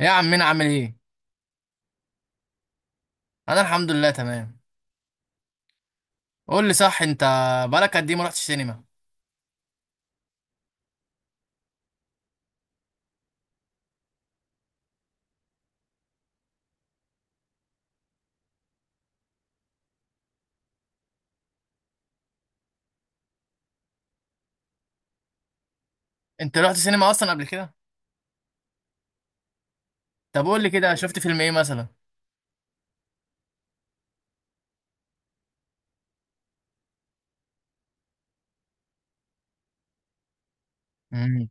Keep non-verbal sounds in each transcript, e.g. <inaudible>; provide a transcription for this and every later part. يا عمنا عامل ايه؟ انا الحمد لله تمام. قول لي صح انت، بقالك قد ايه ما رحتش سينما؟ انت رحت سينما اصلا قبل كده؟ طب قول لي كده شفت فيلم ايه مثلا؟ امم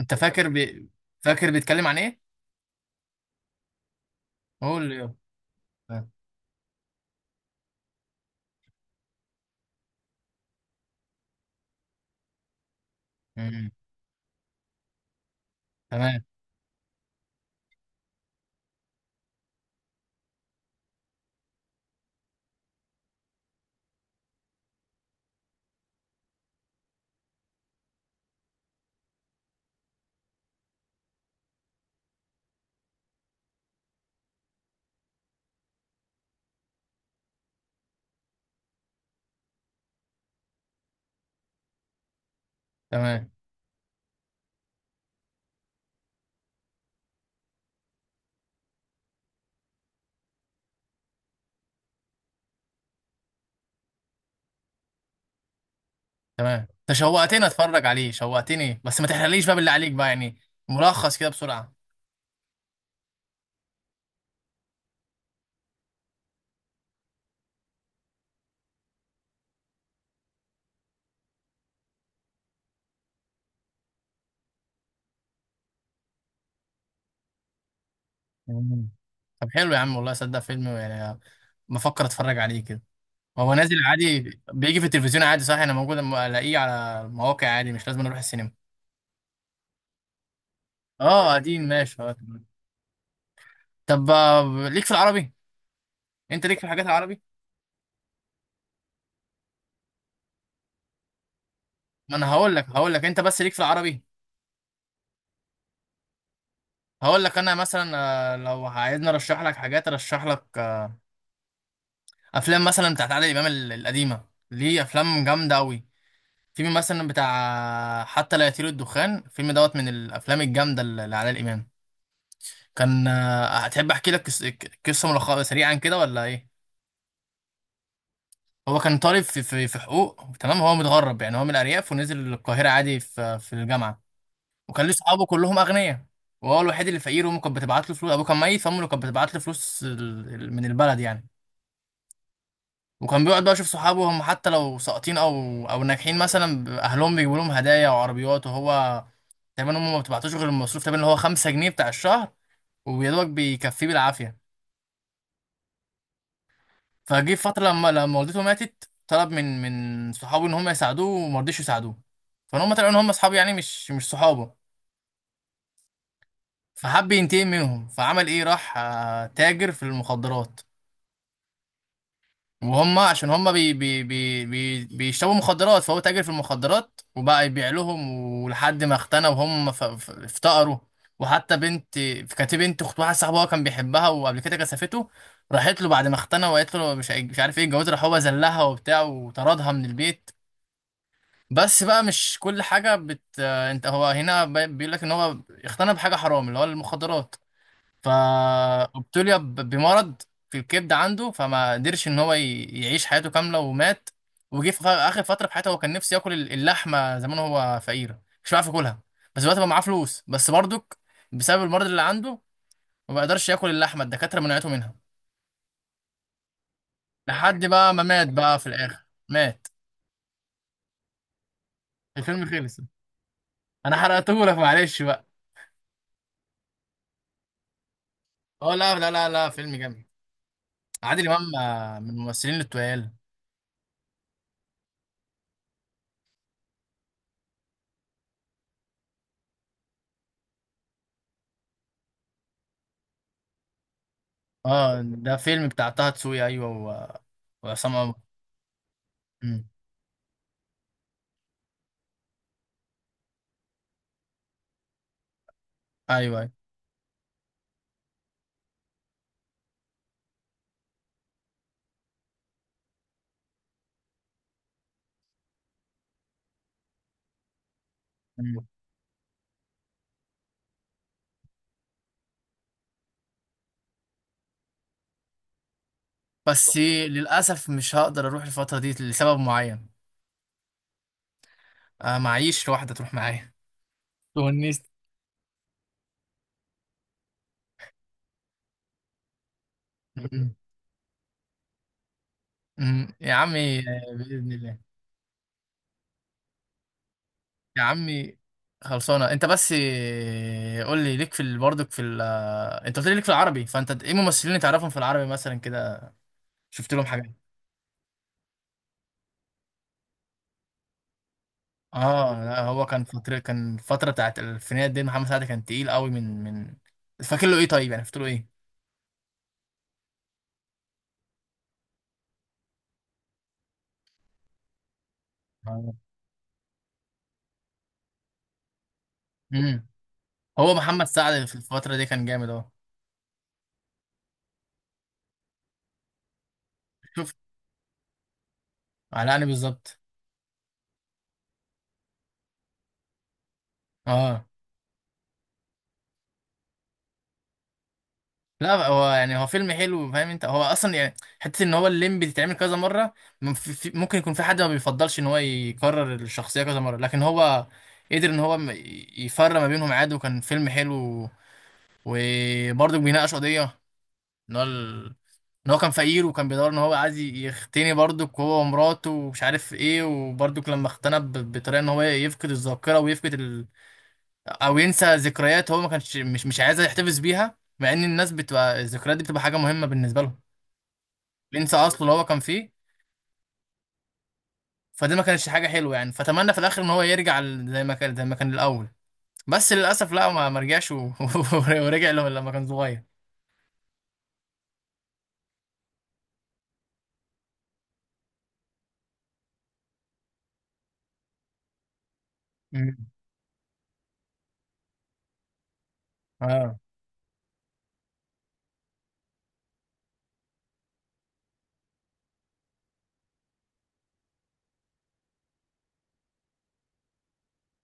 انت فاكر فاكر بيتكلم عن ايه؟ قول لي يلا. امم تمام. تمام. تمام، انت شوقتني اتفرج عليه، شوقتني، بس ما تحرقليش بقى باللي عليك بقى يعني. ملخص كده بسرعة. مم. طب حلو يا عم، والله صدق فيلم يعني، بفكر اتفرج عليه كده. هو نازل عادي بيجي في التلفزيون عادي صح؟ انا موجود أما الاقيه على المواقع عادي، مش لازم اروح السينما. اه قديم، ماشي، اه تمام. طب ليك في العربي؟ انت ليك في الحاجات العربي؟ ما انا هقول لك، هقول لك، انت بس ليك في العربي؟ هقول لك انا مثلا، لو عايزني ارشح لك حاجات ارشح لك افلام مثلا بتاعت عادل امام القديمه، ليه افلام جامده قوي. فيلم مثلا بتاع حتى لا يطير الدخان، الفيلم دوت من الافلام الجامده اللي لعادل امام. كان هتحب احكي لك قصه، ملخص سريعا كده ولا ايه؟ هو كان طالب في في حقوق، تمام؟ هو متغرب يعني، هو من الأرياف ونزل القاهرة عادي في الجامعة، وكان ليه صحابه كلهم أغنياء، وهو الوحيد اللي فقير، وأمه كانت بتبعت له فلوس، أبوه كان ميت فأمه اللي كانت بتبعت له فلوس من البلد يعني. وكان بيقعد بقى يشوف صحابه هم حتى لو ساقطين أو ناجحين مثلا أهلهم بيجيبوا لهم هدايا وعربيات، وهو تقريبا هم ما بتبعتوش غير المصروف تقريبا اللي هو 5 جنيه بتاع الشهر، ويا دوبك بيكفيه بالعافية. فجه فترة لما والدته ماتت، طلب من صحابه ان هم يساعدوه، وما رضيش يساعدوه، فان هم طلعوا ان هم اصحاب يعني، مش صحابه. فحب ينتقم منهم. فعمل ايه؟ راح تاجر في المخدرات. وهم عشان هم بي بي بي بي بيشربوا مخدرات، فهو تاجر في المخدرات وبقى يبيع لهم، ولحد ما اختنى وهم افتقروا. وحتى بنت، كانت بنت اخت واحد صاحبه، هو كان بيحبها وقبل كده كسفته، راحت له بعد ما اختنى وقالت له مش مش عارف ايه الجواز، راح هو ذلها وبتاع وطردها من البيت. بس بقى مش كل حاجة بت آه، انت هو هنا بيقول لك ان هو اقتنى بحاجة حرام اللي هو المخدرات، فابتلي بمرض في الكبد عنده، فما قدرش ان هو يعيش حياته كاملة ومات. وجي في اخر فترة في حياته، هو كان نفسه ياكل اللحمة زمان، هو فقير مش بيعرف ياكلها، بس دلوقتي بقى معاه فلوس، بس برضك بسبب المرض اللي عنده ما بيقدرش ياكل اللحمة، الدكاترة منعته منها، لحد بقى ما مات بقى في الاخر، مات. الفيلم خلص. انا حرقتهولك، معلش بقى. اه لا لا لا لا، فيلم جامد. عادل امام من الممثلين التقال. اه ده فيلم بتاع طه دسوقي، ايوه، وعصام عمر. أمم، ايوه، أيوة. أمم. بس للاسف مش هقدر اروح الفتره دي لسبب معين. معيش واحده تروح معايا، تونس. أمم، أمم. يا عمي باذن الله. يا عمي خلصانه. انت بس قول لي ليك في برضك في ال... آه، انت قلت لي ليك في العربي، فانت ايه ممثلين تعرفهم في العربي مثلا كده، شفت لهم حاجه؟ اه لا، هو كان فترة، كان الفترة بتاعت الألفينات دي محمد سعد كان تقيل قوي من. فاكر له ايه طيب يعني، فاكر له ايه؟ آه. امم. هو محمد سعد في الفترة دي كان جامد اهو. شوف، علقني بالظبط. اه لا، هو يعني هو فيلم حلو، فاهم انت؟ هو اصلا يعني، حته ان هو الليمبي بتتعمل كذا مره، ممكن يكون في حد ما بيفضلش ان هو يكرر الشخصيه كذا مره، لكن هو قدر ان هو يفرق ما بينهم عادي، وكان فيلم حلو، وبرضه بيناقش قضيه ان ان هو كان فقير وكان بيدور ان هو عايز يختني برضك، هو ومراته ومش عارف ايه. وبرضك لما اختنى بطريقه ان هو يفقد الذاكره ويفقد او ينسى ذكريات، هو ما كانش مش عايز يحتفظ بيها، مع ان الناس بتبقى الذكريات دي بتبقى حاجه مهمه بالنسبه لهم. ينسى اصله اللي هو كان فيه، فدي ما كانتش حاجه حلوه يعني. فتمنى في الاخر ان هو يرجع زي ما كان، الاول بس للاسف لا، ما رجعش <laughs> ورجع له لما كان صغير. امم. اه.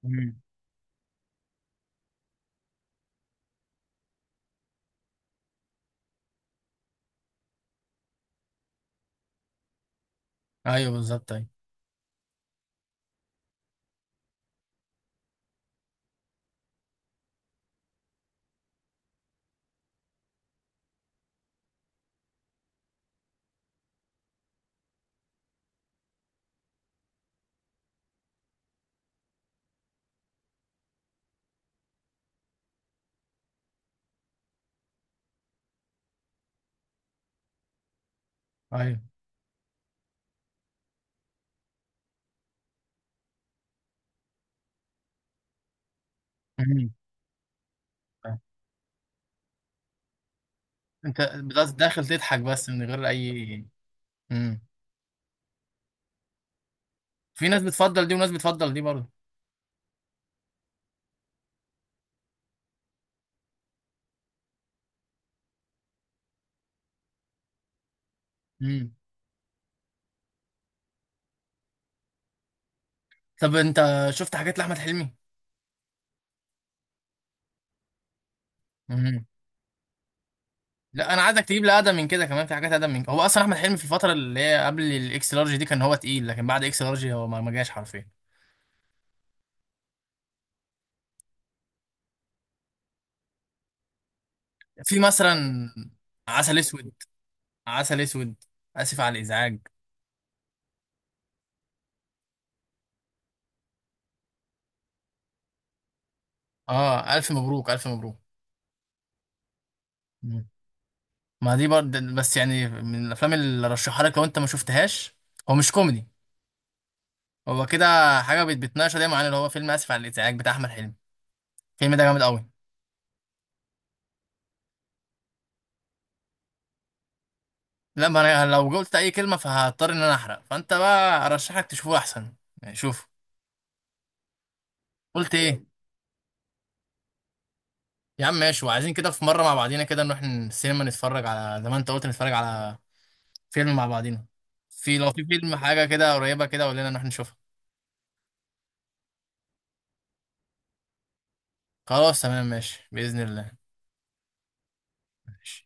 امم. ايوه بالظبط، ايوه. ايوه. امم. انت بس داخل تضحك بس من غير اي. امم. في ناس بتفضل دي وناس بتفضل دي برضه. امم. طب انت شفت حاجات لاحمد حلمي؟ امم. لا انا عايزك تجيب لي اقدم من كده، كمان في حاجات اقدم من. هو اصلا احمد حلمي في الفتره اللي هي قبل الاكس لارج دي كان هو تقيل، لكن بعد اكس لارج هو ما جاش حرفيا. في مثلا عسل اسود. عسل اسود. اسف على الازعاج. اه الف مبروك، الف مبروك. مم. ما دي برضه بس يعني من الافلام اللي رشحها لك لو انت ما شفتهاش. هو مش كوميدي، هو كده حاجة بتناقشوا دايما، عن اللي هو فيلم آسف على الإزعاج بتاع أحمد حلمي، الفيلم ده جامد أوي. لا، ما أنا لو قلت أي كلمة فهضطر إن أنا أحرق، فأنت بقى أرشحك تشوفه أحسن يعني. شوف، قلت إيه؟ يا عم ماشي، وعايزين كده في مرة مع بعضينا كده نروح السينما نتفرج على، زي ما أنت قلت، نتفرج على فيلم مع بعضينا. في، لو في فيلم حاجة كده قريبة كده، قول لنا نروح نشوفها. خلاص تمام، ماشي بإذن الله. ماشي.